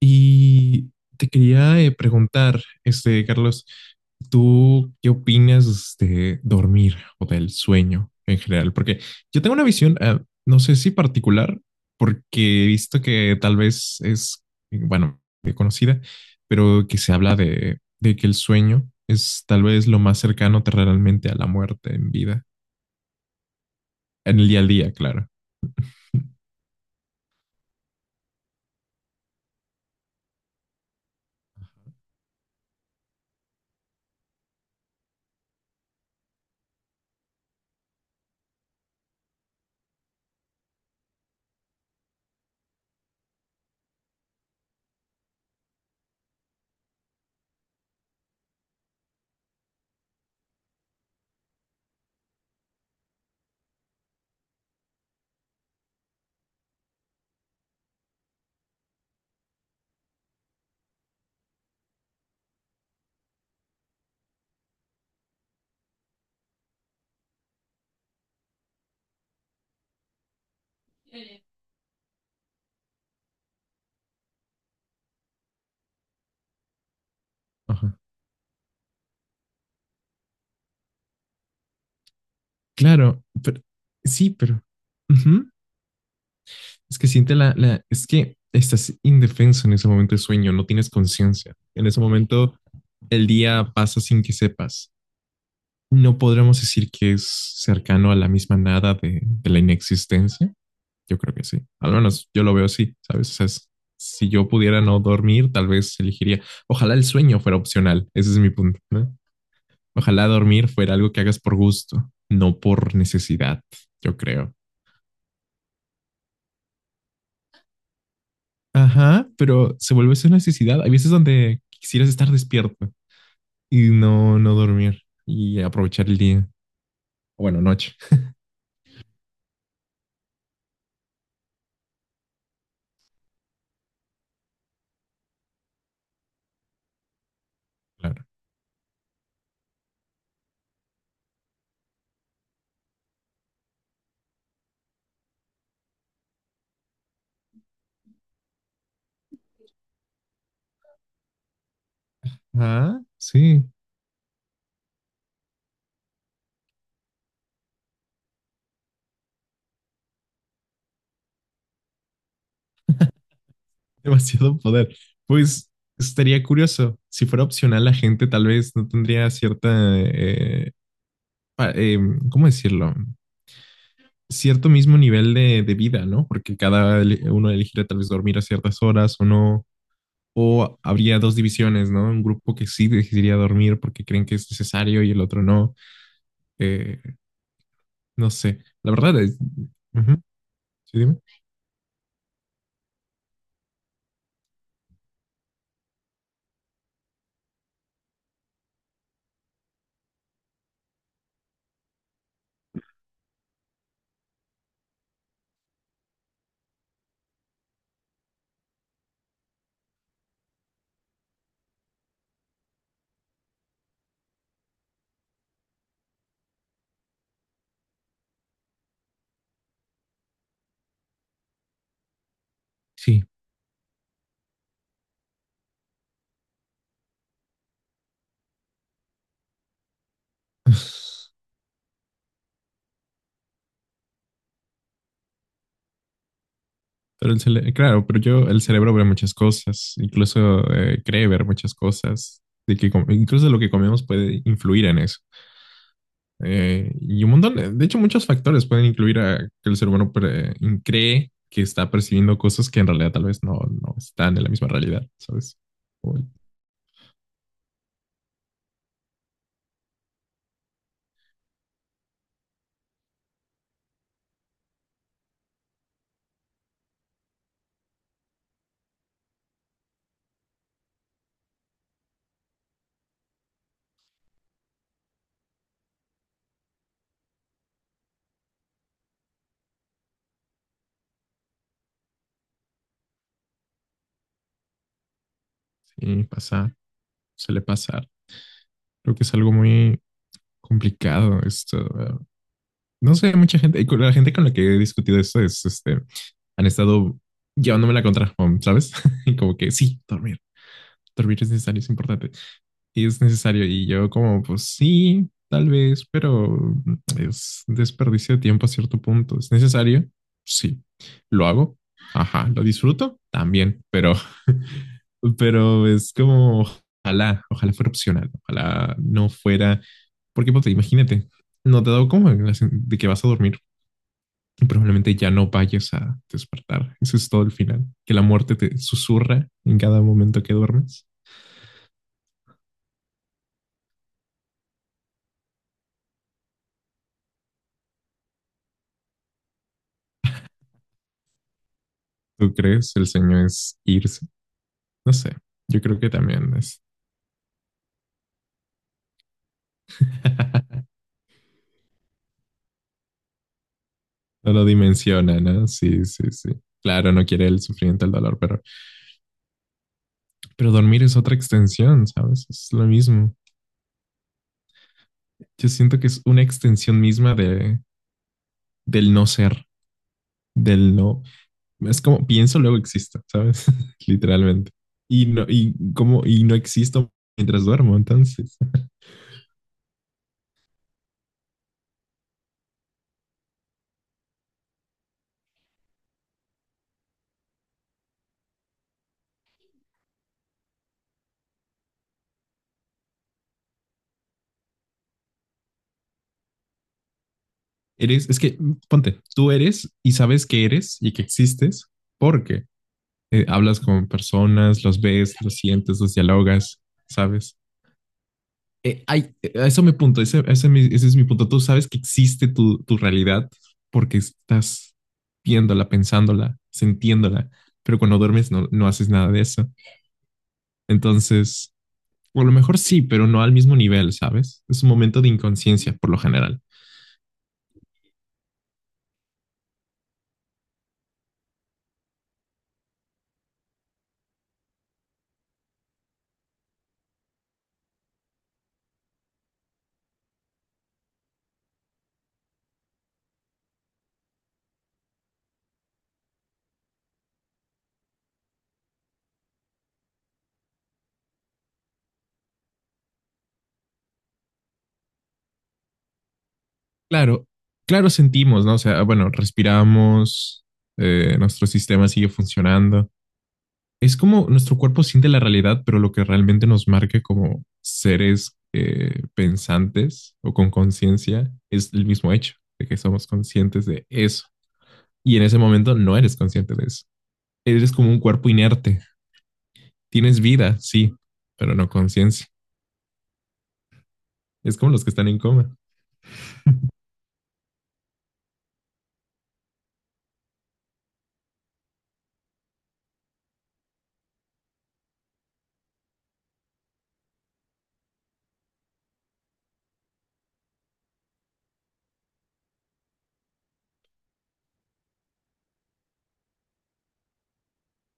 Y te quería preguntar, este, Carlos, ¿tú qué opinas de dormir o del sueño en general? Porque yo tengo una visión, no sé si particular, porque he visto que tal vez es, bueno, conocida, pero que se habla de que el sueño es tal vez lo más cercano terrenalmente a la muerte en vida, en el día a día, claro. Ajá. Claro, pero, sí, pero... Ujú. Es que siente es que estás indefenso en ese momento de sueño, no tienes conciencia. En ese momento el día pasa sin que sepas. No podremos decir que es cercano a la misma nada de la inexistencia. Yo creo que sí. Al menos yo lo veo así, ¿sabes? O sea, si yo pudiera no dormir, tal vez elegiría. Ojalá el sueño fuera opcional. Ese es mi punto, ¿no? Ojalá dormir fuera algo que hagas por gusto, no por necesidad, yo creo. Ajá, pero se vuelve eso una necesidad. Hay veces donde quisieras estar despierto y no dormir y aprovechar el día. Bueno, noche, claro. Ah, sí, demasiado poder. Pues estaría curioso. Si fuera opcional, la gente tal vez no tendría cierta, eh, pa- eh, ¿cómo decirlo? Cierto mismo nivel de vida, ¿no? Porque cada uno elegiría tal vez dormir a ciertas horas o no. O habría dos divisiones, ¿no? Un grupo que sí decidiría dormir porque creen que es necesario y el otro no. Eh, no sé. La verdad es... Ujú. Sí, dime. Sí. Pero claro, pero yo, el cerebro ve muchas cosas, incluso cree ver muchas cosas, de que incluso lo que comemos puede influir en eso. Y un montón, de hecho, muchos factores pueden incluir a que el ser humano cree que está percibiendo cosas que en realidad tal vez no, no están en la misma realidad, ¿sabes? Uy, sí, pasa. Suele pasar. Creo que es algo muy complicado esto. No sé, mucha gente, y con la gente con la que he discutido esto es, este, han estado llevándome la contra, ¿sabes? Y como que sí, dormir es necesario, es importante y es necesario. Y yo como, pues sí, tal vez, pero es desperdicio de tiempo a cierto punto. ¿Es necesario? Sí. ¿Lo hago? Ajá. ¿Lo disfruto? También, pero, pero es como, ojalá, ojalá fuera opcional, ojalá no fuera, porque pues, imagínate, no te da como de que vas a dormir y probablemente ya no vayas a despertar. Eso es todo el final, que la muerte te susurra en cada momento que duermes. ¿Tú crees? El sueño es irse. No sé, yo creo que también es. No lo dimensiona, ¿no? Sí, sí, sí. Claro, no quiere el sufrimiento, el dolor, pero dormir es otra extensión, ¿sabes? Es lo mismo. Yo siento que es una extensión misma de, del no ser, del no. Es como pienso, luego existo, ¿sabes? Literalmente. Y no, y como, y no existo mientras duermo, entonces. Eres, es que, ponte, tú eres y sabes que eres y que existes porque hablas con personas, los ves, los sientes, los dialogas, ¿sabes? Ay, eso me punto, ese, ese es mi punto. Tú sabes que existe tu realidad porque estás viéndola, pensándola, sintiéndola, pero cuando duermes no, no haces nada de eso. Entonces, o a lo mejor sí, pero no al mismo nivel, ¿sabes? Es un momento de inconsciencia por lo general. Claro, claro sentimos, ¿no? O sea, bueno, respiramos, nuestro sistema sigue funcionando, es como nuestro cuerpo siente la realidad, pero lo que realmente nos marca como seres pensantes o con conciencia es el mismo hecho de que somos conscientes de eso. Y en ese momento no eres consciente de eso. Eres como un cuerpo inerte. Tienes vida, sí, pero no conciencia. Es como los que están en coma.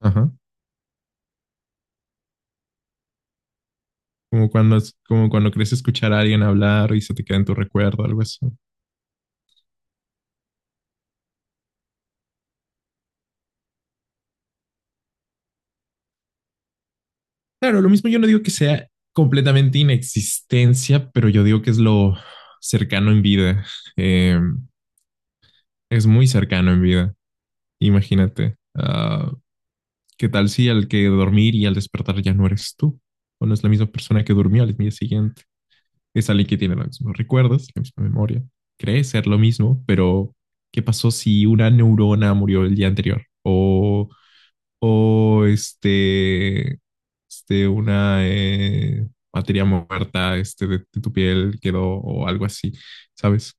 Ajá. Como cuando, como cuando crees escuchar a alguien hablar y se te queda en tu recuerdo, algo así. Claro, lo mismo yo no digo que sea completamente inexistencia, pero yo digo que es lo cercano en vida. Eh, es muy cercano en vida. Imagínate. ¿Qué tal si al que dormir y al despertar ya no eres tú? O no es la misma persona que durmió al día siguiente. Es alguien que tiene los mismos recuerdos, la misma memoria. Cree ser lo mismo, pero ¿qué pasó si una neurona murió el día anterior? O este, este una materia muerta este, de tu piel quedó o algo así, ¿sabes?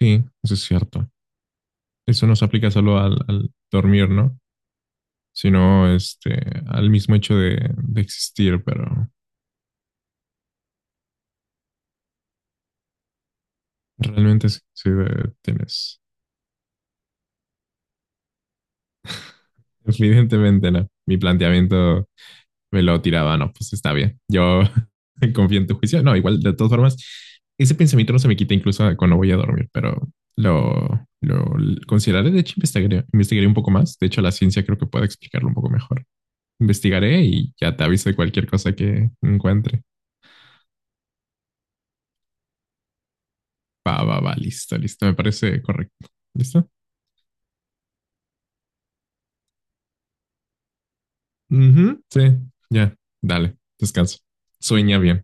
Sí, eso es cierto. Eso no se aplica solo al dormir, ¿no? Sino este, al mismo hecho de existir, pero realmente sí, sí, tienes. Evidentemente no. Mi planteamiento me lo tiraba, no, pues está bien. Yo confío en tu juicio. No, igual, de todas formas, ese pensamiento no se me quita incluso cuando voy a dormir, pero lo consideraré. De hecho, investigaré, investigaré un poco más. De hecho, la ciencia creo que puede explicarlo un poco mejor. Investigaré y ya te aviso de cualquier cosa que encuentre. Va, va, va, listo, listo. Me parece correcto. ¿Listo? Ujú, sí, ya, dale, descanso. Sueña bien.